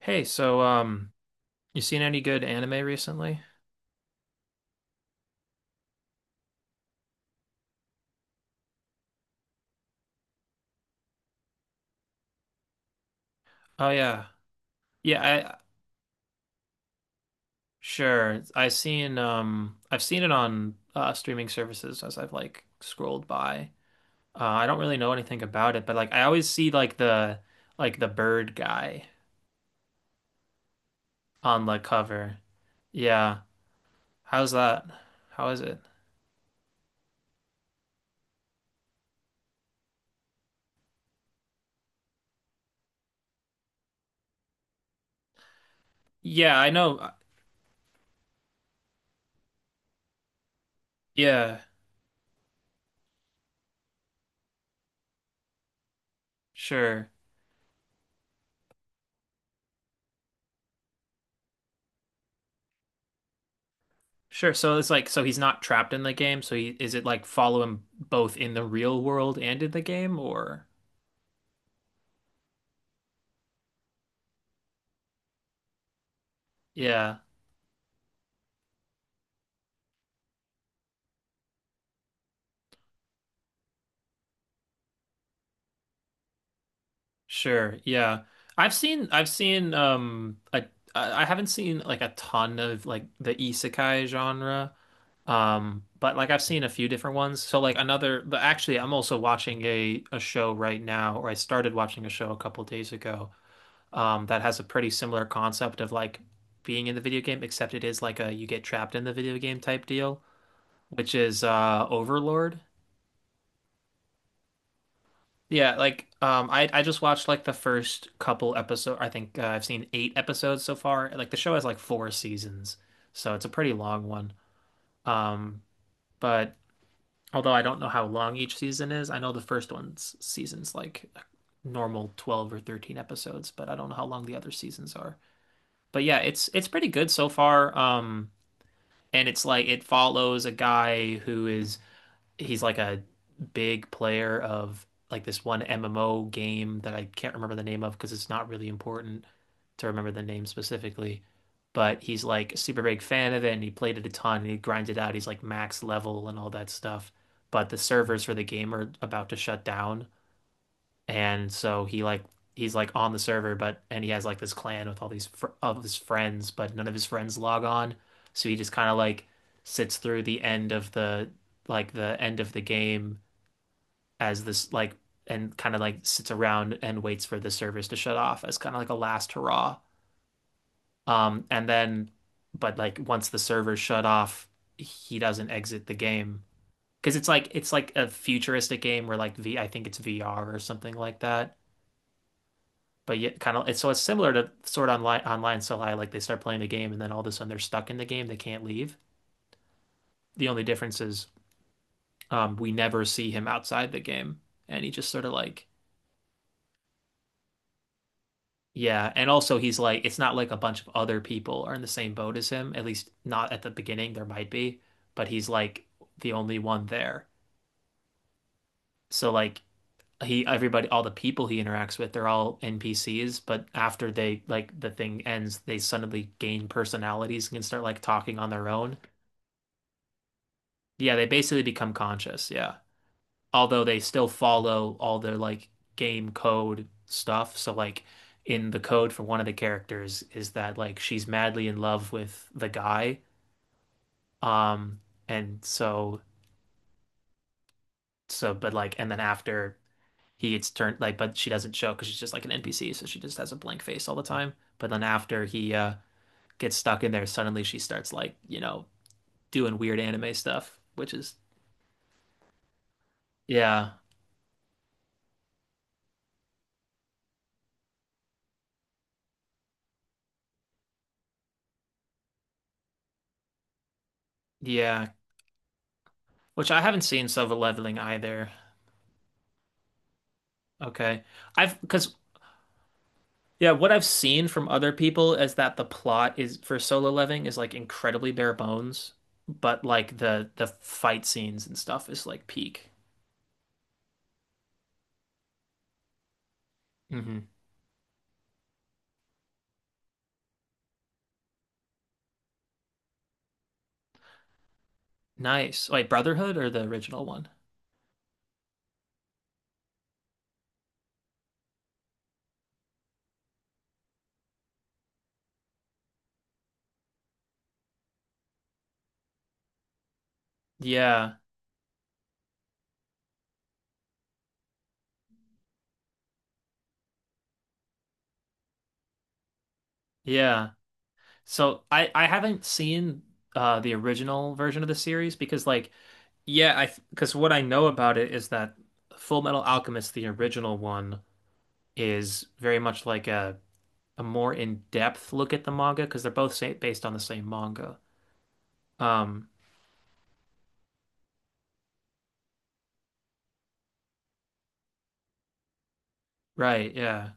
Hey, you seen any good anime recently? Oh yeah. Yeah, I sure. I've seen it on streaming services as I've like scrolled by. I don't really know anything about it, but like I always see like the bird guy on the cover. Yeah. How's that? How is it? Yeah, I know. uh, Yeah, sure. Sure. So it's like so he's not trapped in the game, so he is it like follow him both in the real world and in the game or. Yeah. Sure. Yeah. I've seen like I haven't seen like a ton of like the isekai genre. But like I've seen a few different ones. So like another but actually I'm also watching a show right now, or I started watching a show a couple days ago that has a pretty similar concept of like being in the video game, except it is like a you get trapped in the video game type deal, which is Overlord. Yeah, I just watched like the first couple episodes. I think I've seen 8 episodes so far. Like the show has like 4 seasons, so it's a pretty long one. Um but Although I don't know how long each season is, I know the first one's season's like normal 12 or 13 episodes, but I don't know how long the other seasons are. But yeah, it's pretty good so far. And it's like it follows a guy who is he's like a big player of like this one MMO game that I can't remember the name of because it's not really important to remember the name specifically. But he's like a super big fan of it, and he played it a ton, and he grinded out. He's like max level and all that stuff. But the servers for the game are about to shut down, and so he's like on the server, but and he has like this clan with all these fr of his friends, but none of his friends log on, so he just kind of like sits through the end of the game as this like and kind of like sits around and waits for the servers to shut off as kind of like a last hurrah. And then but like once the servers shut off, he doesn't exit the game, because it's like a futuristic game where like V I think it's VR or something like that. But yet kind of it's so it's similar to Sword Online Online. So like they start playing the game and then all of a sudden they're stuck in the game, they can't leave. The only difference is we never see him outside the game, and he just sort of like. Yeah, and also he's like it's not like a bunch of other people are in the same boat as him, at least not at the beginning, there might be, but he's like the only one there. So like he everybody all the people he interacts with they're all NPCs, but after they like the thing ends they suddenly gain personalities and can start like talking on their own. Yeah, they basically become conscious, yeah. Although they still follow all their like game code stuff. So like in the code for one of the characters is that like she's madly in love with the guy. Um and so but like and then after he gets turned like but she doesn't show because she's just like an NPC, so she just has a blank face all the time. But then after he gets stuck in there, suddenly she starts like, you know, doing weird anime stuff, which is yeah, yeah. Which I haven't seen Silver Leveling either. Okay. I've because yeah, what I've seen from other people is that the plot is for Solo Leveling is like incredibly bare bones, but like the fight scenes and stuff is like peak. Hmm. Nice. Wait, Brotherhood or the original one? Yeah. Yeah. So I haven't seen the original version of the series because like yeah, I because what I know about it is that Full Metal Alchemist, the original one, is very much like a more in-depth look at the manga, because they're both sa based on the same manga. Um, right, yeah.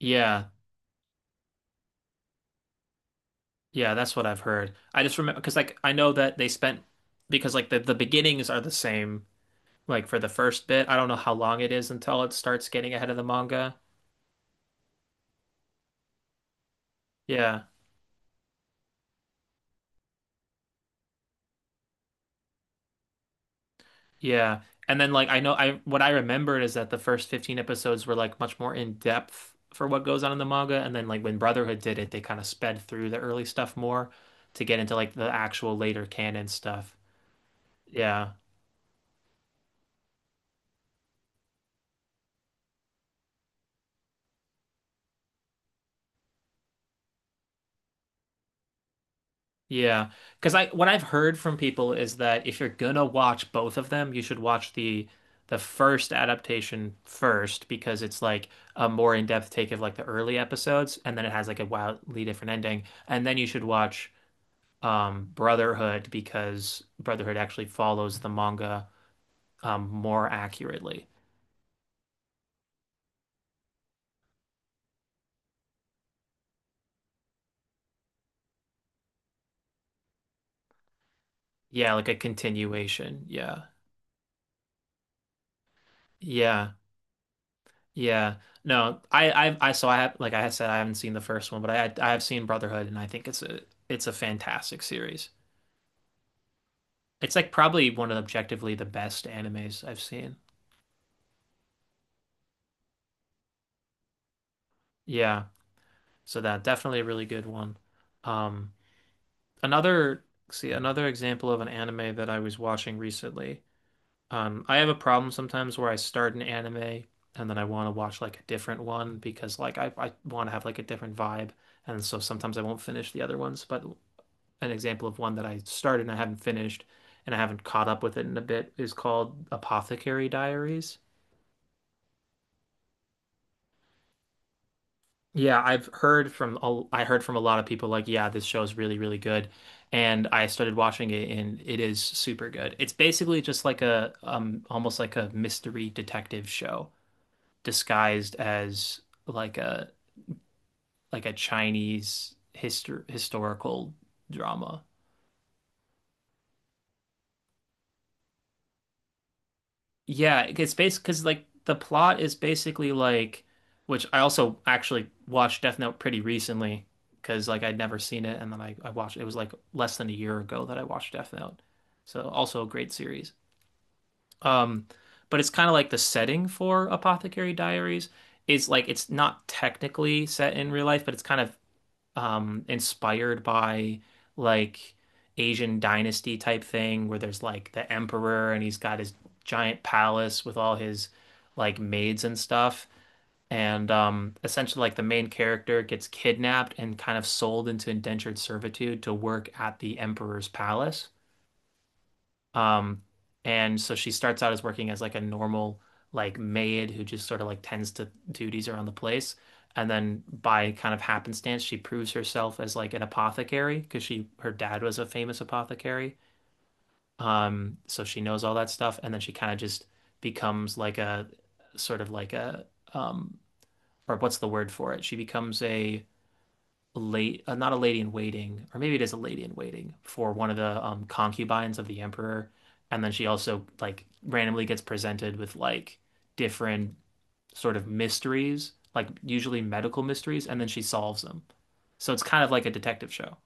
Yeah. Yeah, that's what I've heard. I just remember because like I know that they spent because like the beginnings are the same like for the first bit. I don't know how long it is until it starts getting ahead of the manga. Yeah. Yeah. And then like I know I what I remembered is that the first 15 episodes were like much more in depth for what goes on in the manga, and then like when Brotherhood did it they kind of sped through the early stuff more to get into like the actual later canon stuff. Yeah. Yeah, because I what I've heard from people is that if you're gonna watch both of them, you should watch the first adaptation first because it's like a more in-depth take of like the early episodes, and then it has like a wildly different ending, and then you should watch Brotherhood, because Brotherhood actually follows the manga more accurately. Yeah, like a continuation. Yeah, yeah, yeah. No, I. So I have, like I said, I haven't seen the first one, but I have seen Brotherhood, and I think it's a fantastic series. It's like probably one of the objectively the best animes I've seen. Yeah, so that definitely a really good one. Um, Another, see, another example of an anime that I was watching recently. I have a problem sometimes where I start an anime and then I want to watch like a different one, because like I want to have like a different vibe. And so sometimes I won't finish the other ones. But an example of one that I started and I haven't finished and I haven't caught up with it in a bit is called Apothecary Diaries. Yeah, I heard from a lot of people like, yeah, this show is really, really good. And I started watching it and it is super good. It's basically just like a almost like a mystery detective show disguised as like a like a Chinese historical drama. Yeah, it's based because like the plot is basically like, which I also actually watched Death Note pretty recently because like I'd never seen it, and then I watched it was like less than a year ago that I watched Death Note, so also a great series. Um, but it's kind of like the setting for Apothecary Diaries. It's like it's not technically set in real life, but it's kind of inspired by like Asian dynasty type thing where there's like the emperor and he's got his giant palace with all his like maids and stuff. And essentially like the main character gets kidnapped and kind of sold into indentured servitude to work at the emperor's palace. Um, and so she starts out as working as like a normal like maid who just sort of like tends to duties around the place. And then by kind of happenstance, she proves herself as like an apothecary because she her dad was a famous apothecary. So she knows all that stuff, and then she kind of just becomes like a sort of like a um or what's the word for it? She becomes a late, not a lady in waiting, or maybe it is a lady in waiting for one of the concubines of the emperor, and then she also like randomly gets presented with like different sort of mysteries, like usually medical mysteries, and then she solves them. So it's kind of like a detective show,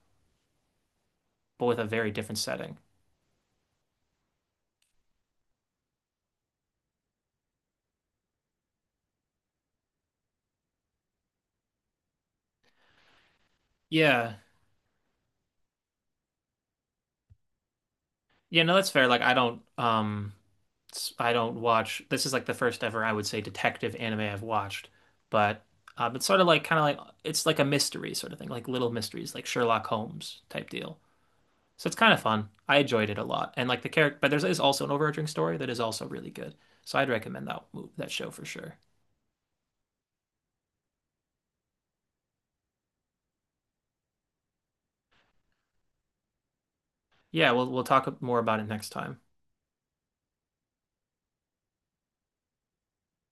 but with a very different setting. Yeah. Yeah, no, that's fair. Like I don't watch. This is like the first ever I would say detective anime I've watched, but it's sort of like kind of like it's like a mystery sort of thing, like little mysteries, like Sherlock Holmes type deal. So it's kind of fun. I enjoyed it a lot, and like the character, but there's is also an overarching story that is also really good. So I'd recommend that show for sure. Yeah, we'll talk more about it next time.